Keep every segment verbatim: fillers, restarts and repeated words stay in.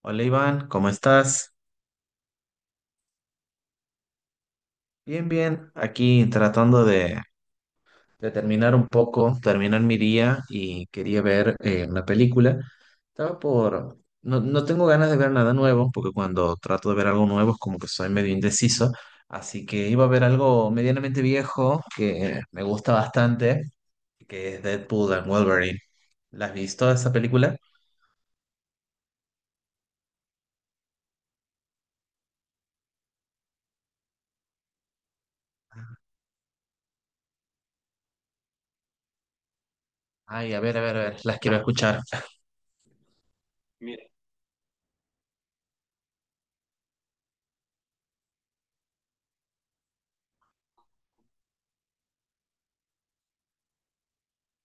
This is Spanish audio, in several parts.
Hola Iván, ¿cómo estás? Bien, bien, aquí tratando de, de terminar un poco, terminar mi día y quería ver eh, una película. Estaba por... No, no tengo ganas de ver nada nuevo, porque cuando trato de ver algo nuevo es como que soy medio indeciso, así que iba a ver algo medianamente viejo que me gusta bastante, que es Deadpool and Wolverine. ¿Las has visto esa película? Ay, a ver, a ver, a ver, las quiero escuchar.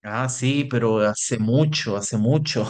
Ah, sí, pero hace mucho, hace mucho.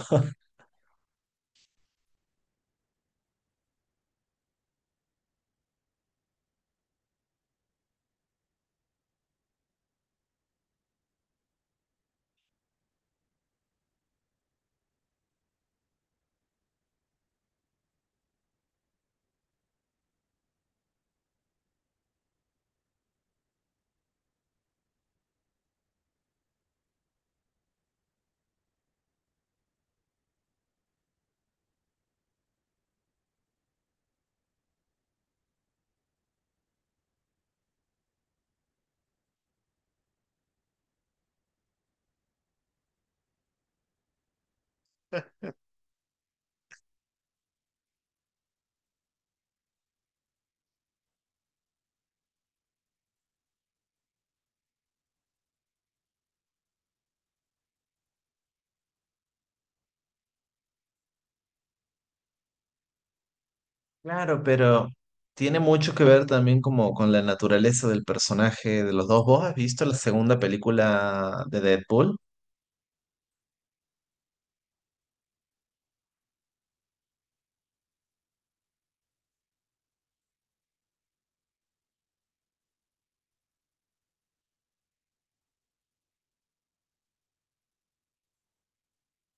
Claro, pero tiene mucho que ver también como con la naturaleza del personaje de los dos. ¿Vos has visto la segunda película de Deadpool?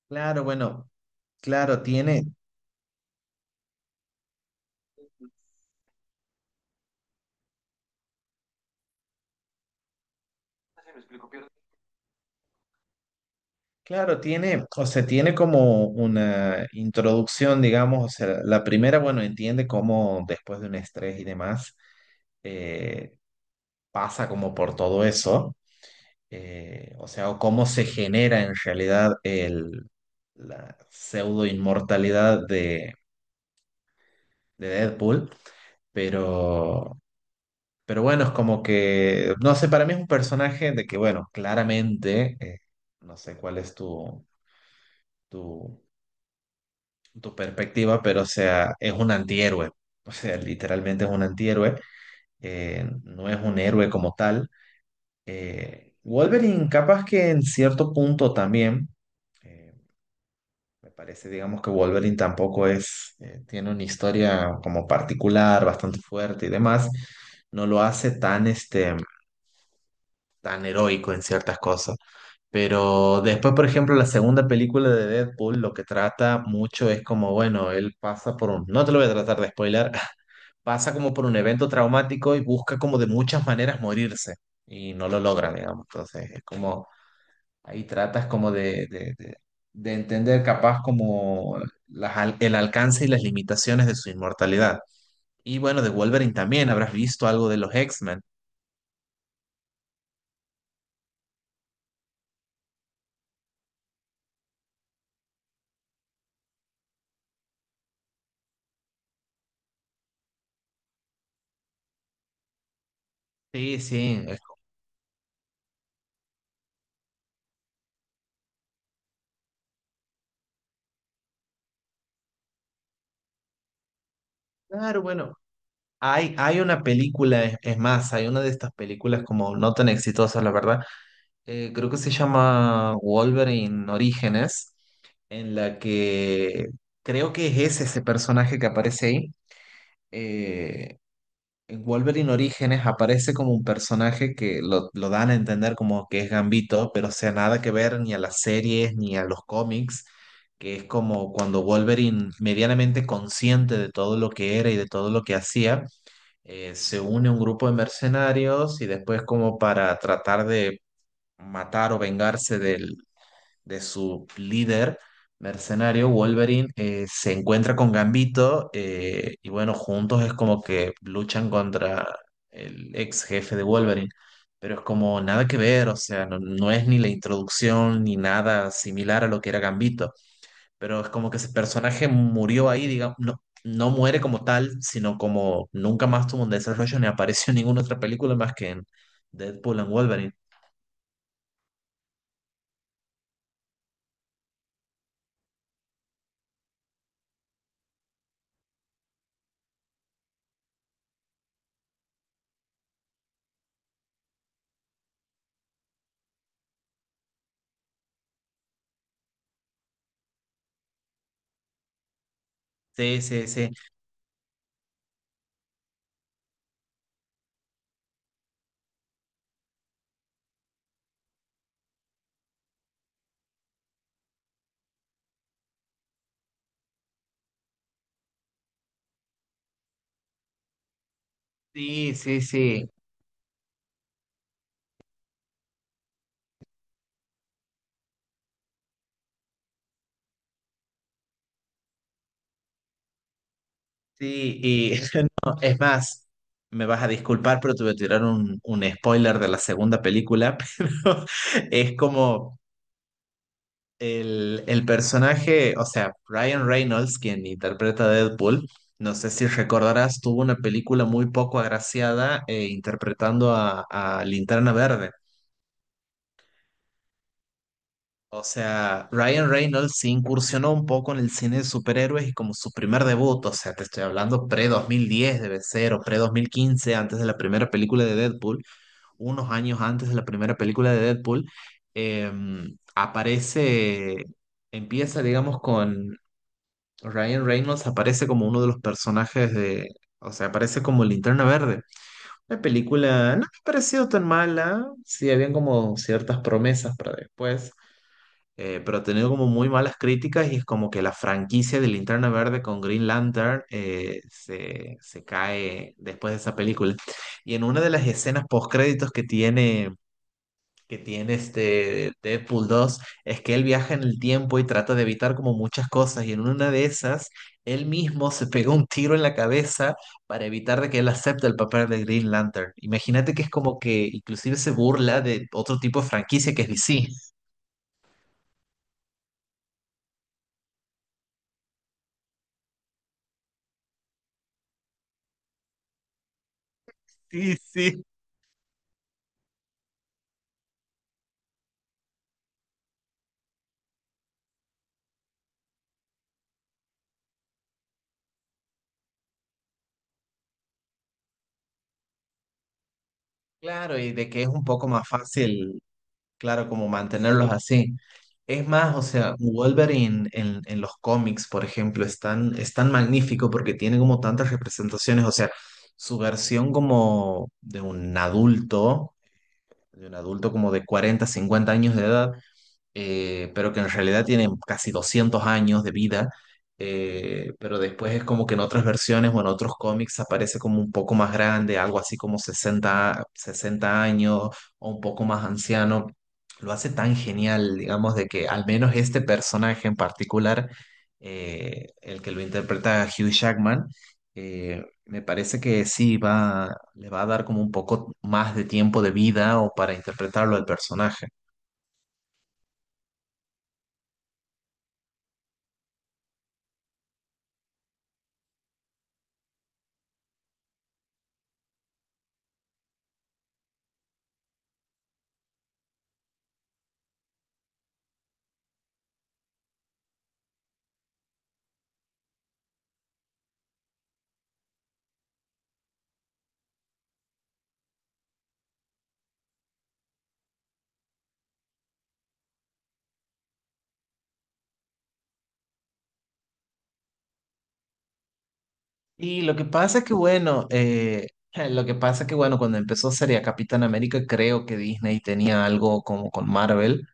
Claro, bueno, claro, tiene, claro, tiene, o sea, tiene como una introducción, digamos, o sea, la primera, bueno, entiende cómo después de un estrés y demás, eh, pasa como por todo eso, eh, o sea, o cómo se genera en realidad el, la pseudo inmortalidad de de Deadpool, pero, pero bueno, es como que, no sé, para mí es un personaje de que, bueno, claramente, eh, no sé cuál es tu, tu, tu, perspectiva, pero o sea, es un antihéroe, o sea, literalmente es un antihéroe, eh, no es un héroe como tal. Eh, Wolverine, capaz que en cierto punto también, eh, me parece, digamos que Wolverine tampoco es, eh, tiene una historia como particular, bastante fuerte y demás, no lo hace tan este tan heroico en ciertas cosas. Pero después, por ejemplo, la segunda película de Deadpool lo que trata mucho es como, bueno, él pasa por un, no te lo voy a tratar de spoiler, pasa como por un evento traumático y busca como de muchas maneras morirse y no lo logra, digamos. Entonces, es como, ahí tratas como de, de, de, de entender capaz como las al- el alcance y las limitaciones de su inmortalidad. Y bueno, de Wolverine también, habrás visto algo de los X-Men. Sí, sí, es- claro, bueno. Hay, hay una película, es, es más, hay una de estas películas como no tan exitosas, la verdad. Eh, creo que se llama Wolverine Orígenes, en la que creo que es ese, ese personaje que aparece ahí. Eh, en Wolverine Orígenes aparece como un personaje que lo, lo dan a entender como que es Gambito, pero o sea, nada que ver ni a las series ni a los cómics, que es como cuando Wolverine, medianamente consciente de todo lo que era y de todo lo que hacía, eh, se une un grupo de mercenarios y después como para tratar de matar o vengarse del, de su líder mercenario, Wolverine eh, se encuentra con Gambito eh, y bueno, juntos es como que luchan contra el ex jefe de Wolverine. Pero es como nada que ver, o sea, no, no es ni la introducción ni nada similar a lo que era Gambito, pero es como que ese personaje murió ahí, digamos, no, no muere como tal, sino como nunca más tuvo un desarrollo ni apareció en ninguna otra película más que en Deadpool and Wolverine. Sí, sí, sí, sí, sí, sí, sí, y es más, me vas a disculpar, pero te voy a tirar un, un spoiler de la segunda película, pero es como El, el personaje, o sea, Ryan Reynolds, quien interpreta a Deadpool, no sé si recordarás, tuvo una película muy poco agraciada eh, interpretando a, a Linterna Verde. O sea, Ryan Reynolds se incursionó un poco en el cine de superhéroes y como su primer debut, o sea, te estoy hablando pre-dos mil diez dos debe ser, o pre dos mil quince antes de la primera película de Deadpool, unos años antes de la primera película de Deadpool, em, aparece empieza, digamos, con Ryan Reynolds, aparece como uno de los personajes de, o sea, aparece como Linterna Verde. La película no me ha parecido tan mala, sí, habían como ciertas promesas para después, eh, pero ha tenido como muy malas críticas y es como que la franquicia de Linterna Verde con Green Lantern eh, se, se cae después de esa película. Y en una de las escenas postcréditos que tiene que tiene este Deadpool dos es que él viaja en el tiempo y trata de evitar como muchas cosas y en una de esas él mismo se pega un tiro en la cabeza para evitar de que él acepte el papel de Green Lantern. Imagínate que es como que inclusive se burla de otro tipo de franquicia que es D C. Sí, sí. Claro, y de que es un poco más fácil. Claro, como mantenerlos así. Es más, o sea, Wolverine en, en los cómics, por ejemplo, es tan, es tan magnífico porque tiene como tantas representaciones, o sea, su versión como de un adulto, de un adulto como de cuarenta, cincuenta años de edad, eh, pero que en realidad tienen casi doscientos años de vida, eh, pero después es como que en otras versiones o en otros cómics aparece como un poco más grande, algo así como sesenta sesenta años o un poco más anciano. Lo hace tan genial, digamos, de que al menos este personaje en particular, eh, el que lo interpreta Hugh Jackman, eh, me parece que sí va, le va a dar como un poco más de tiempo de vida o para interpretarlo al personaje. Y lo que pasa es que, bueno, eh, lo que pasa es que, bueno, cuando empezó sería Capitán América, creo que Disney tenía algo como con Marvel.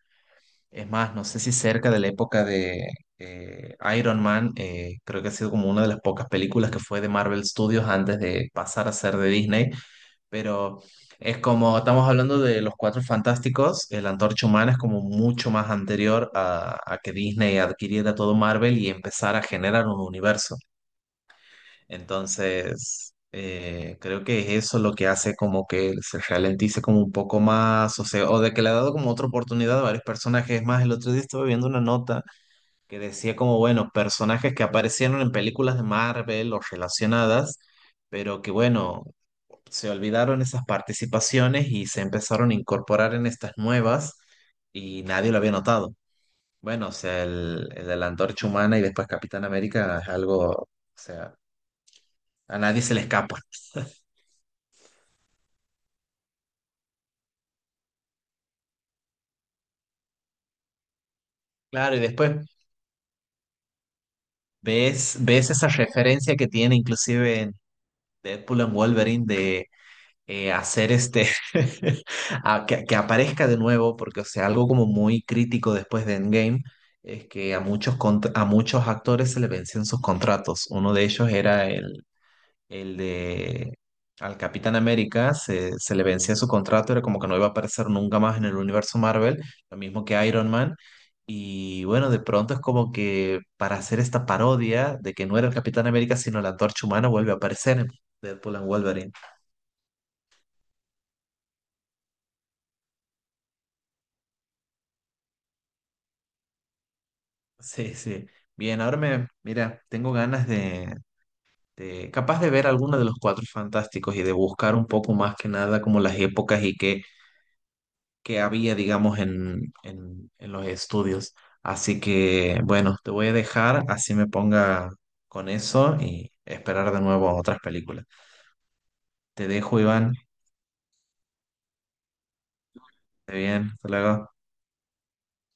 Es más, no sé si cerca de la época de eh, Iron Man, eh, creo que ha sido como una de las pocas películas que fue de Marvel Studios antes de pasar a ser de Disney, pero es como, estamos hablando de Los Cuatro Fantásticos, el Antorcha Humana es como mucho más anterior a, a que Disney adquiriera todo Marvel y empezara a generar un universo. Entonces, eh, creo que es eso lo que hace como que se ralentice como un poco más, o sea, o de que le ha dado como otra oportunidad a varios personajes. Es más, el otro día estuve viendo una nota que decía como, bueno, personajes que aparecieron en películas de Marvel o relacionadas, pero que bueno, se olvidaron esas participaciones y se empezaron a incorporar en estas nuevas y nadie lo había notado. Bueno, o sea, el, el de la Antorcha Humana y después Capitán América es algo, o sea, a nadie se le escapa. Claro, y después ves, ves esa referencia que tiene inclusive en Deadpool and Wolverine de eh, hacer este, a que, que aparezca de nuevo, porque o sea, algo como muy crítico después de Endgame es que a muchos, contra- a muchos actores se le vencían sus contratos. Uno de ellos era el El de al Capitán América se, se le vencía su contrato, era como que no iba a aparecer nunca más en el universo Marvel, lo mismo que Iron Man. Y bueno, de pronto es como que para hacer esta parodia de que no era el Capitán América, sino la Antorcha Humana, vuelve a aparecer en Deadpool and Wolverine. Sí, sí. Bien, ahora me, mira, tengo ganas de, de- capaz de ver alguno de los Cuatro Fantásticos y de buscar un poco más que nada como las épocas y qué, que había, digamos, en, en, en los estudios. Así que, bueno, te voy a dejar, así me ponga con eso y esperar de nuevo otras películas. Te dejo, Iván. Esté bien, hasta luego.